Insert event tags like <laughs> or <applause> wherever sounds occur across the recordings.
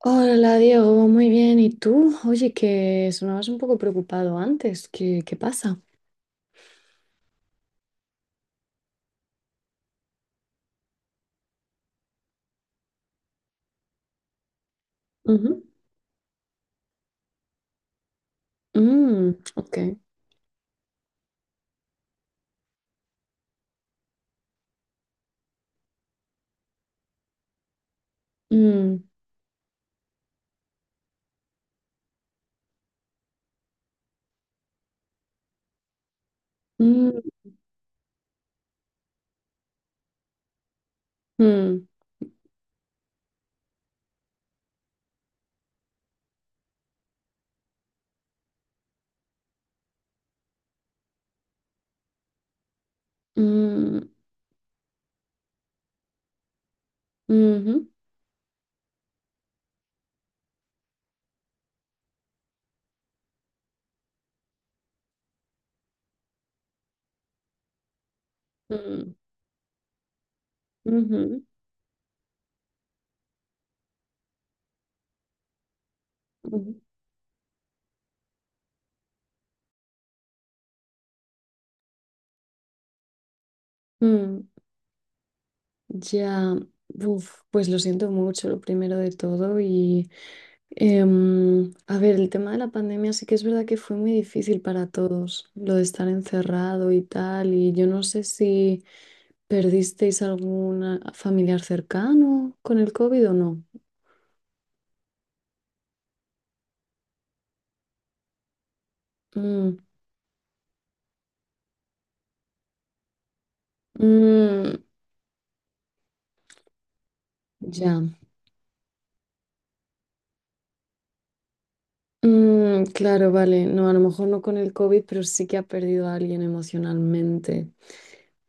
Hola Diego, muy bien. ¿Y tú? Oye, que sonabas un poco preocupado antes. ¿Qué pasa? Ujú. Mm, ok. Mm, mm, mm, mm, ujú, mm, ujú, ujú, mm. Ya, uf, pues lo siento mucho, lo primero de todo. A ver, el tema de la pandemia sí que es verdad que fue muy difícil para todos, lo de estar encerrado y tal, y yo no sé si perdisteis algún familiar cercano con el COVID o no. Mm, mm, ya. Mm, claro, vale, no, a lo mejor no con el COVID, pero sí que ha perdido a alguien emocionalmente.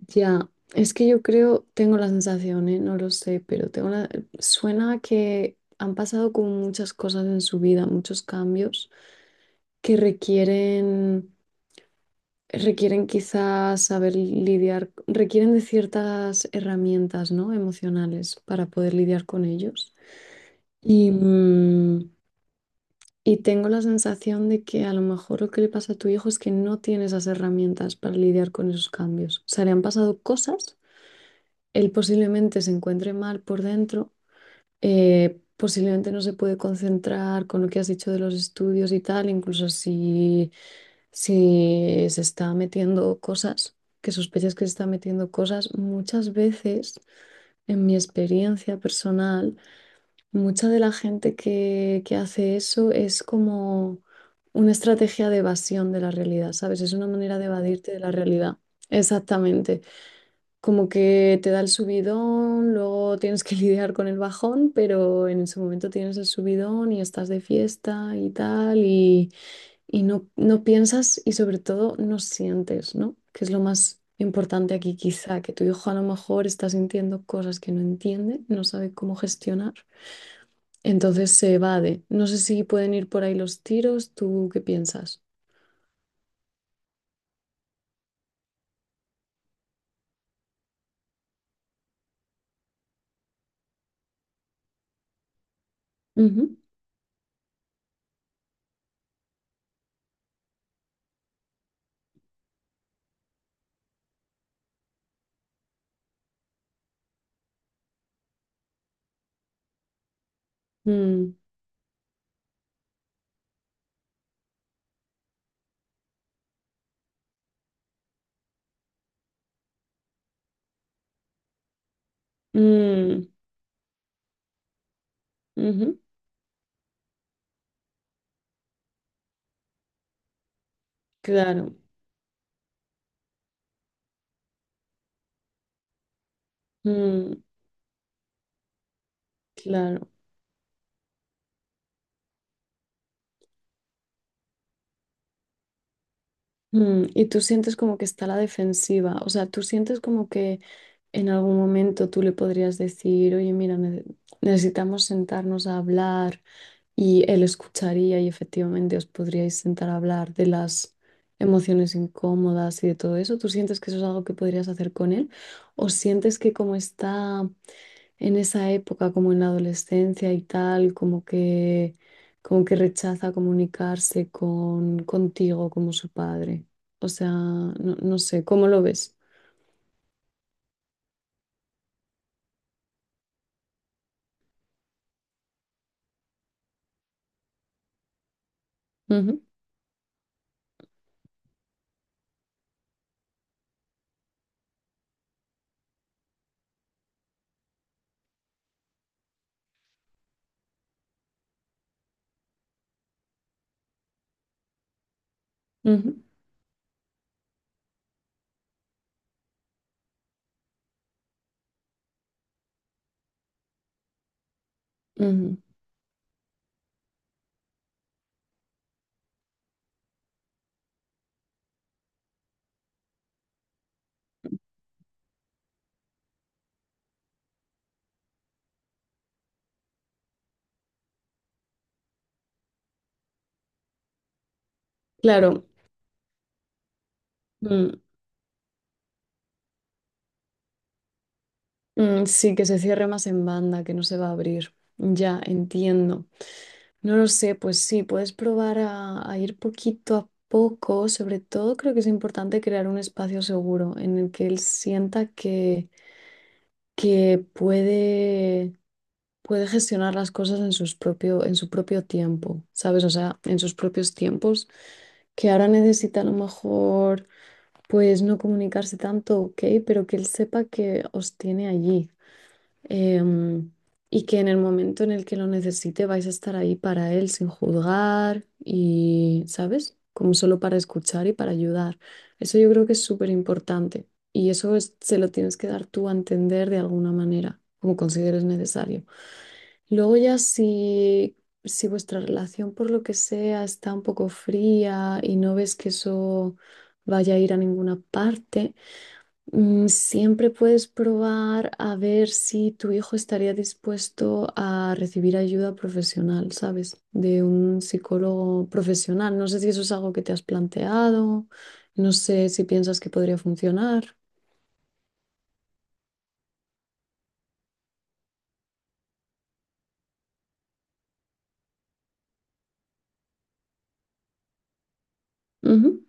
Ya, es que yo creo, tengo la sensación, ¿eh? No lo sé, pero tengo la. Suena a que han pasado como muchas cosas en su vida, muchos cambios que requieren quizás saber lidiar, requieren de ciertas herramientas, ¿no? Emocionales para poder lidiar con ellos. Y, mm, y tengo la sensación de que a lo mejor lo que le pasa a tu hijo es que no tiene esas herramientas para lidiar con esos cambios. O sea, le han pasado cosas. Él posiblemente se encuentre mal por dentro, posiblemente no se puede concentrar con lo que has dicho de los estudios y tal, incluso si se está metiendo cosas, que sospechas que se está metiendo cosas, muchas veces, en mi experiencia personal, mucha de la gente que hace eso es como una estrategia de evasión de la realidad, ¿sabes? Es una manera de evadirte de la realidad. Exactamente como que te da el subidón, luego tienes que <laughs> lidiar con el bajón, pero en ese momento tienes el subidón y estás de fiesta y tal, y no, no piensas y sobre todo no sientes, ¿no? Que es lo más importante aquí quizá, que tu hijo a lo mejor está sintiendo cosas que no entiende, no sabe cómo gestionar, entonces se evade. No sé si pueden ir por ahí los tiros, ¿tú qué piensas? Ujú. Mm, mm, ujú, claro, mm, claro. Mm, y tú sientes como que está a la defensiva, o sea, tú sientes como que en algún momento tú le podrías decir, oye, mira, necesitamos sentarnos a hablar y él escucharía y efectivamente os podríais sentar a hablar de las emociones incómodas y de todo eso. ¿Tú sientes que eso es algo que podrías hacer con él? ¿O sientes que como está en esa época, como en la adolescencia y tal, como que rechaza comunicarse contigo como su padre? O sea, no, no sé, ¿cómo lo ves? Ujú, ujú, ujú. Claro, mm, mm, sí, que se cierre más en banda, que no se va a abrir. Ya, entiendo. No lo sé, pues sí, puedes probar a ir poquito a poco. Sobre todo creo que es importante crear un espacio seguro en el que él sienta que puede gestionar las cosas en en su propio tiempo, ¿sabes? O sea, en sus propios tiempos, que ahora necesita a lo mejor, pues no comunicarse tanto, ok, pero que él sepa que os tiene allí, em, y que en el momento en el que lo necesite vais a estar ahí para él sin juzgar y, ¿sabes? Como solo para escuchar y para ayudar. Eso yo creo que es súper importante y eso es- se lo tienes que dar tú a entender de alguna manera, como consideres necesario. Luego ya si, si vuestra relación por lo que sea está un poco fría y no ves que eso vaya a ir a ninguna parte, mm, siempre puedes probar a ver si tu hijo estaría dispuesto a recibir ayuda profesional, ¿sabes? De un psicólogo profesional. No sé si eso es algo que te has planteado, no sé si piensas que podría funcionar. Ujú.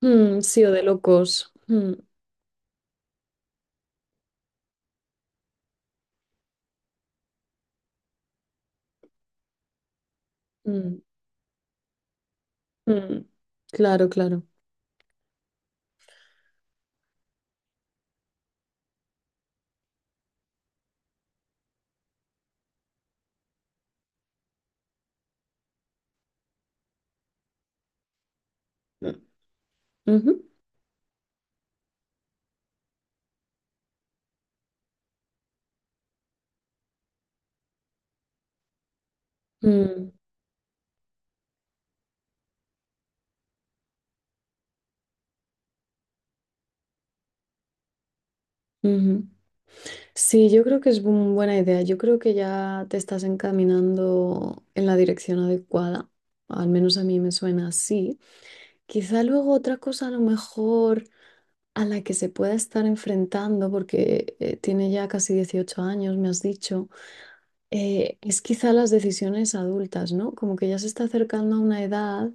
Mm, sí, o de locos. Mm, mm, mm. Claro, claro. Mm, ujú, mm, ujú. Sí, yo creo que es una buena idea. Yo creo que ya te estás encaminando en la dirección adecuada. Al menos a mí me suena así. Quizá luego otra cosa a lo mejor a la que se pueda estar enfrentando, porque tiene ya casi 18 años, me has dicho, es quizá las decisiones adultas, ¿no? Como que ya se está acercando a una edad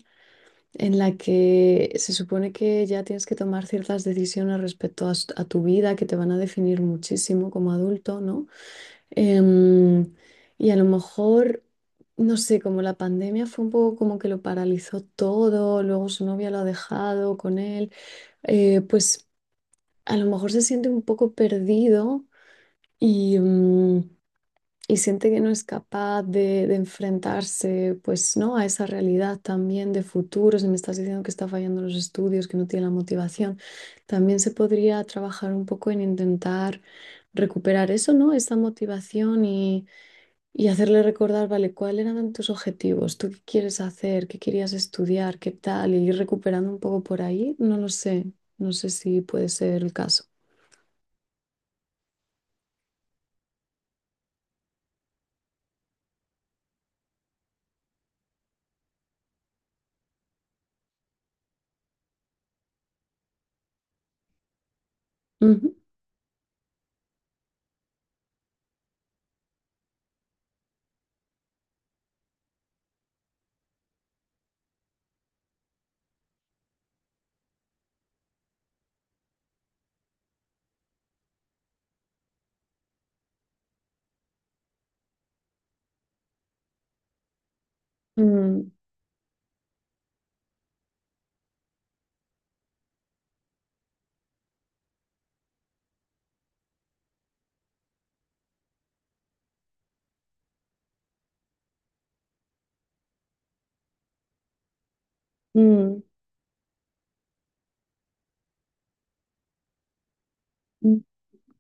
en la que se supone que ya tienes que tomar ciertas decisiones respecto a s- a tu vida que te van a definir muchísimo como adulto, ¿no? Em, y a lo mejor, no sé, como la pandemia fue un poco como que lo paralizó todo, luego su novia lo ha dejado con él, pues a lo mejor se siente un poco perdido y, mm, y siente que no es capaz de enfrentarse, pues, ¿no? A esa realidad también de futuro, si me estás diciendo que está fallando los estudios, que no tiene la motivación, también se podría trabajar un poco en intentar recuperar eso, ¿no? Esa motivación y hacerle recordar, vale, ¿cuáles eran tus objetivos? ¿Tú qué quieres hacer? ¿Qué querías estudiar? ¿Qué tal? Y ir recuperando un poco por ahí, no lo sé. No sé si puede ser el caso. Ujú. Mm, mm, mm.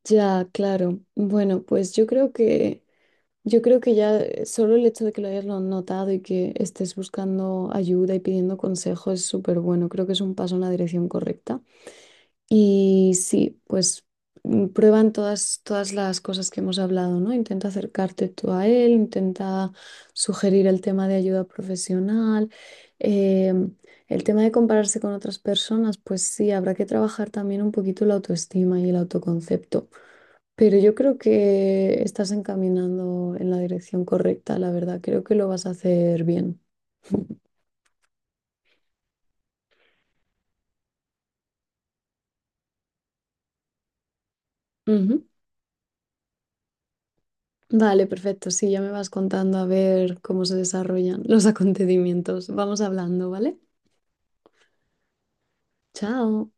Ya, claro. Bueno, pues yo creo que ya solo el hecho de que lo hayas notado y que estés buscando ayuda y pidiendo consejo es súper bueno. Creo que es un paso en la dirección correcta. Y sí, pues mm, prueban todas las cosas que hemos hablado, ¿no? Intenta acercarte tú a él, intenta sugerir el tema de ayuda profesional. eh, el tema de compararse con otras personas, pues sí, habrá que trabajar también un poquito la autoestima y el autoconcepto. Pero yo creo que estás encaminando en la dirección correcta, la verdad. Creo que lo vas a hacer bien. Ujú. Vale, perfecto. Sí, ya me vas contando a ver cómo se desarrollan los <laughs> acontecimientos. Vamos hablando, ¿vale? Chao.